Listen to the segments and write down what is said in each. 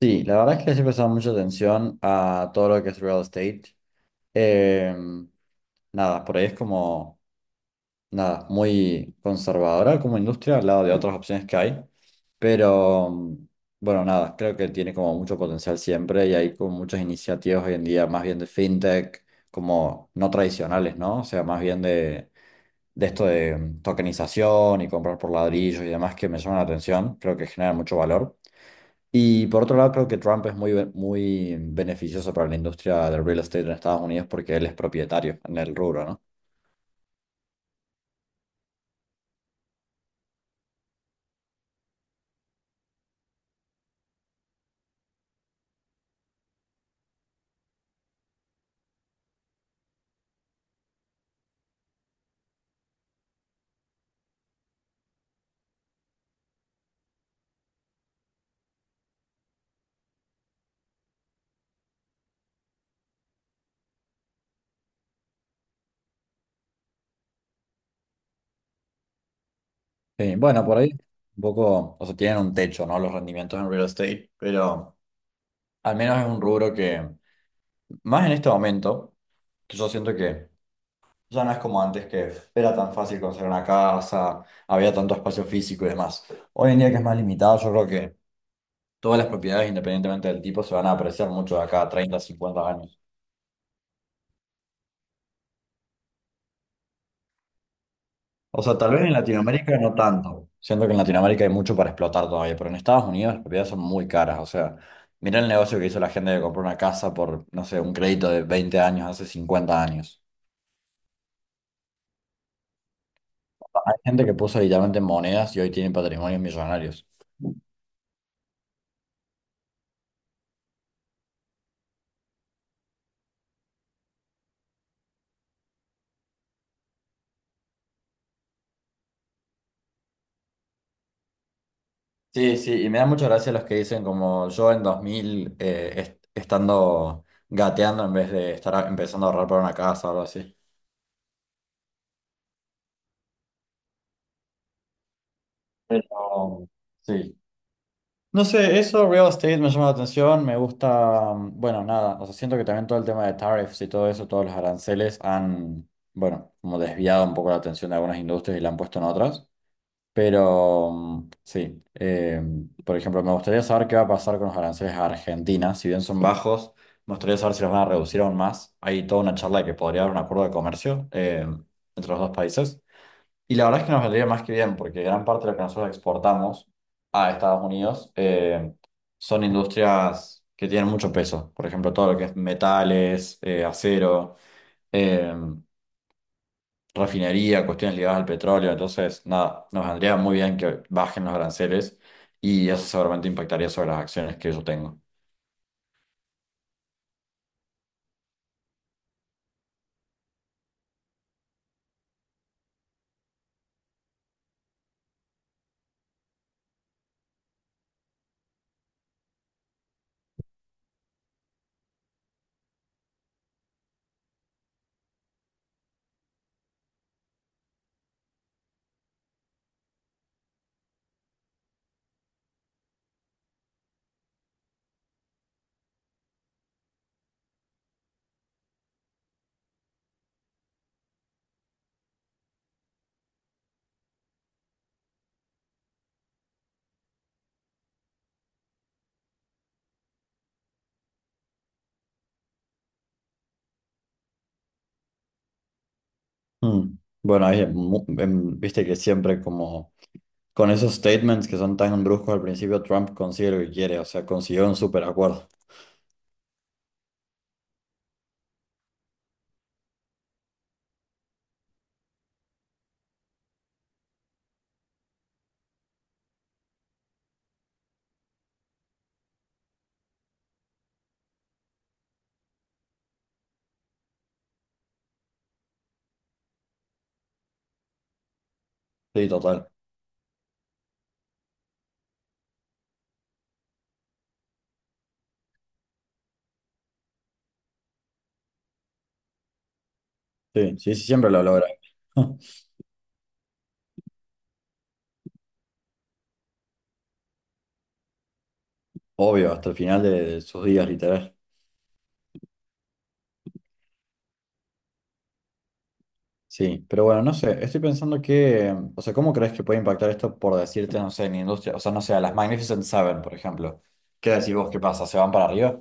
Sí, la verdad es que les he prestado mucha atención a todo lo que es real estate. Em, nada, por ahí es como, nada, muy conservadora como industria al lado de otras opciones que hay. Pero, bueno, nada, creo que tiene como mucho potencial siempre y hay como muchas iniciativas hoy en día, más bien de fintech, como no tradicionales, ¿no? O sea, más bien de esto de tokenización y comprar por ladrillos y demás que me llaman la atención, creo que generan mucho valor. Y por otro lado, creo que Trump es muy, muy beneficioso para la industria del real estate en Estados Unidos porque él es propietario en el rubro, ¿no? Sí, bueno, por ahí un poco, o sea, tienen un techo, ¿no? Los rendimientos en real estate, pero al menos es un rubro que, más en este momento, que yo siento que ya no es como antes, que era tan fácil conseguir una casa, había tanto espacio físico y demás. Hoy en día que es más limitado, yo creo que todas las propiedades, independientemente del tipo, se van a apreciar mucho de acá a 30, 50 años. O sea, tal vez en Latinoamérica no tanto. Siento que en Latinoamérica hay mucho para explotar todavía, pero en Estados Unidos las propiedades son muy caras. O sea, mira el negocio que hizo la gente de comprar una casa por, no sé, un crédito de 20 años, hace 50 años. Hay gente que puso literalmente monedas y hoy tiene patrimonios millonarios. Sí, sí, y me da mucha gracia los que dicen como yo en 2000 estando gateando en vez de estar empezando a ahorrar para una casa o algo así. Pero, sí. No sé, eso real estate me llama la atención, me gusta, bueno, nada, o sea, siento que también todo el tema de tariffs y todo eso, todos los aranceles han, bueno, como desviado un poco la atención de algunas industrias y la han puesto en otras, pero sí, por ejemplo, me gustaría saber qué va a pasar con los aranceles a Argentina, si bien son bajos, me gustaría saber si los van a reducir aún más, hay toda una charla de que podría haber un acuerdo de comercio entre los dos países. Y la verdad es que nos vendría más que bien, porque gran parte de lo que nosotros exportamos a Estados Unidos son industrias que tienen mucho peso. Por ejemplo, todo lo que es metales, acero, eh, refinería, cuestiones ligadas al petróleo. Entonces, nada, nos vendría muy bien que bajen los aranceles y eso seguramente impactaría sobre las acciones que yo tengo. Mm. Bueno, ahí, viste que siempre como con esos statements que son tan bruscos al principio, Trump consigue lo que quiere, o sea, consiguió un super acuerdo. Sí, total. Sí, sí, sí, siempre lo logra. Obvio, hasta el final de, sus días, literal. Sí, pero bueno, no sé, estoy pensando que, o sea, ¿cómo crees que puede impactar esto por decirte, no sé, en industria? O sea, no sé, a las Magnificent Seven, por ejemplo. ¿Qué decís vos? ¿Qué pasa? ¿Se van para arriba?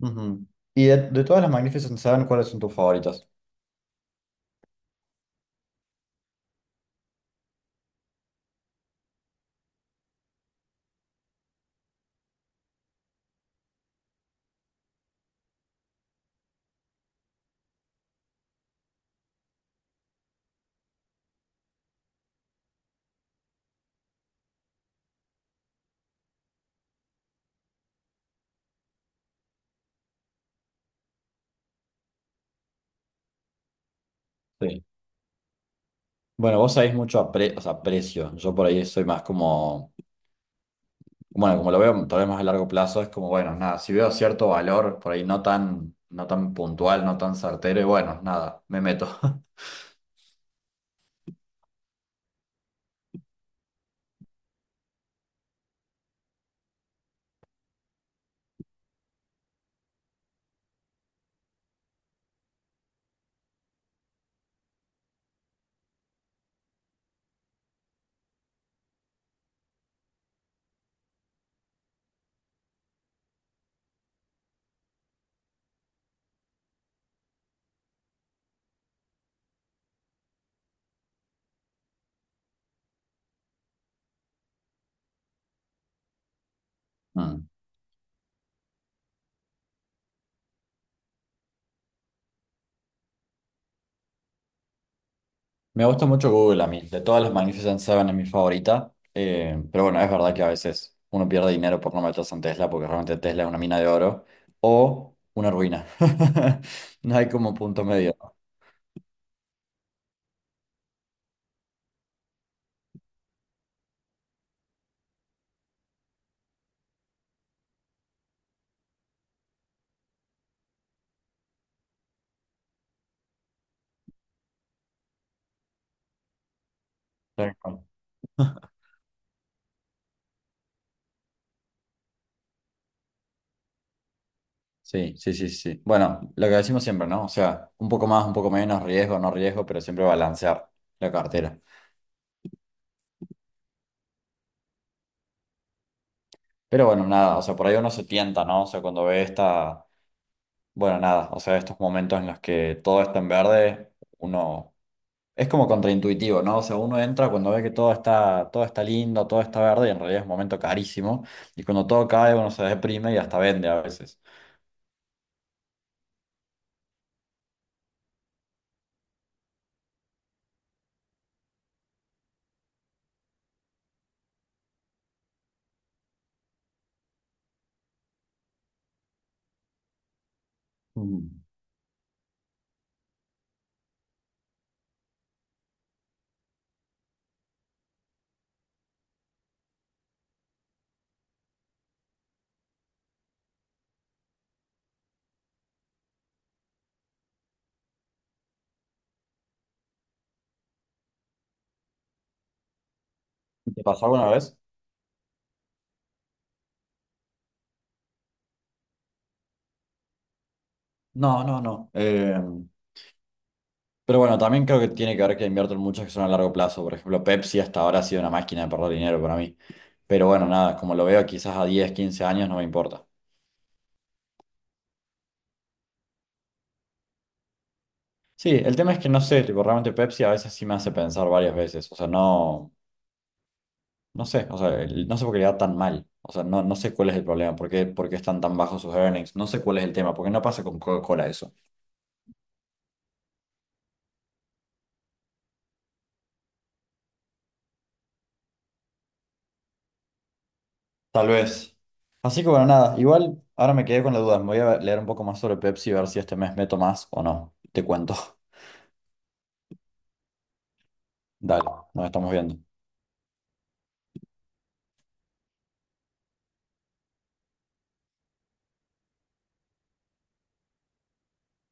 Ujú. Y de todas las Magnificent Seven, ¿cuáles son tus favoritas? Sí. Bueno, vos sabés mucho a o sea, precio. Yo por ahí soy más como bueno, como lo veo tal vez más a largo plazo, es como, bueno, nada, si veo cierto valor por ahí no tan, no tan puntual, no tan certero, y bueno, nada, me meto. Mm. Me gusta mucho Google a mí, de todas las Magnificent Seven es mi favorita, pero bueno, es verdad que a veces uno pierde dinero por no meterse en Tesla, porque realmente Tesla es una mina de oro o una ruina. No hay como punto medio, ¿no? Tal cual. Sí, sí, sí, sí. Bueno, lo que decimos siempre, ¿no? O sea, un poco más, un poco menos, riesgo, no riesgo, pero siempre balancear la cartera. Pero bueno, nada, o sea, por ahí uno se tienta, ¿no? O sea, cuando ve esta, bueno, nada, o sea, estos momentos en los que todo está en verde, uno es como contraintuitivo, ¿no? O sea, uno entra cuando ve que todo está lindo, todo está verde, y en realidad es un momento carísimo, y cuando todo cae uno se deprime y hasta vende a veces. Mm. ¿Te pasó alguna vez? No, no, no. Pero bueno, también creo que tiene que ver que invierten muchos que son a largo plazo. Por ejemplo, Pepsi hasta ahora ha sido una máquina de perder dinero para mí. Pero bueno, nada, como lo veo quizás a 10 15 años no me importa. Sí, el tema es que no sé, tipo, realmente Pepsi a veces sí me hace pensar varias veces. O sea, no, no sé, o sea, no sé por qué le va tan mal. O sea, no, no sé cuál es el problema, por qué están tan bajos sus earnings. No sé cuál es el tema, porque no pasa con Coca-Cola eso. Tal vez. Así que bueno, nada, igual ahora me quedé con la duda. Me voy a leer un poco más sobre Pepsi y ver si este mes meto más o no. Te cuento. Dale, nos estamos viendo.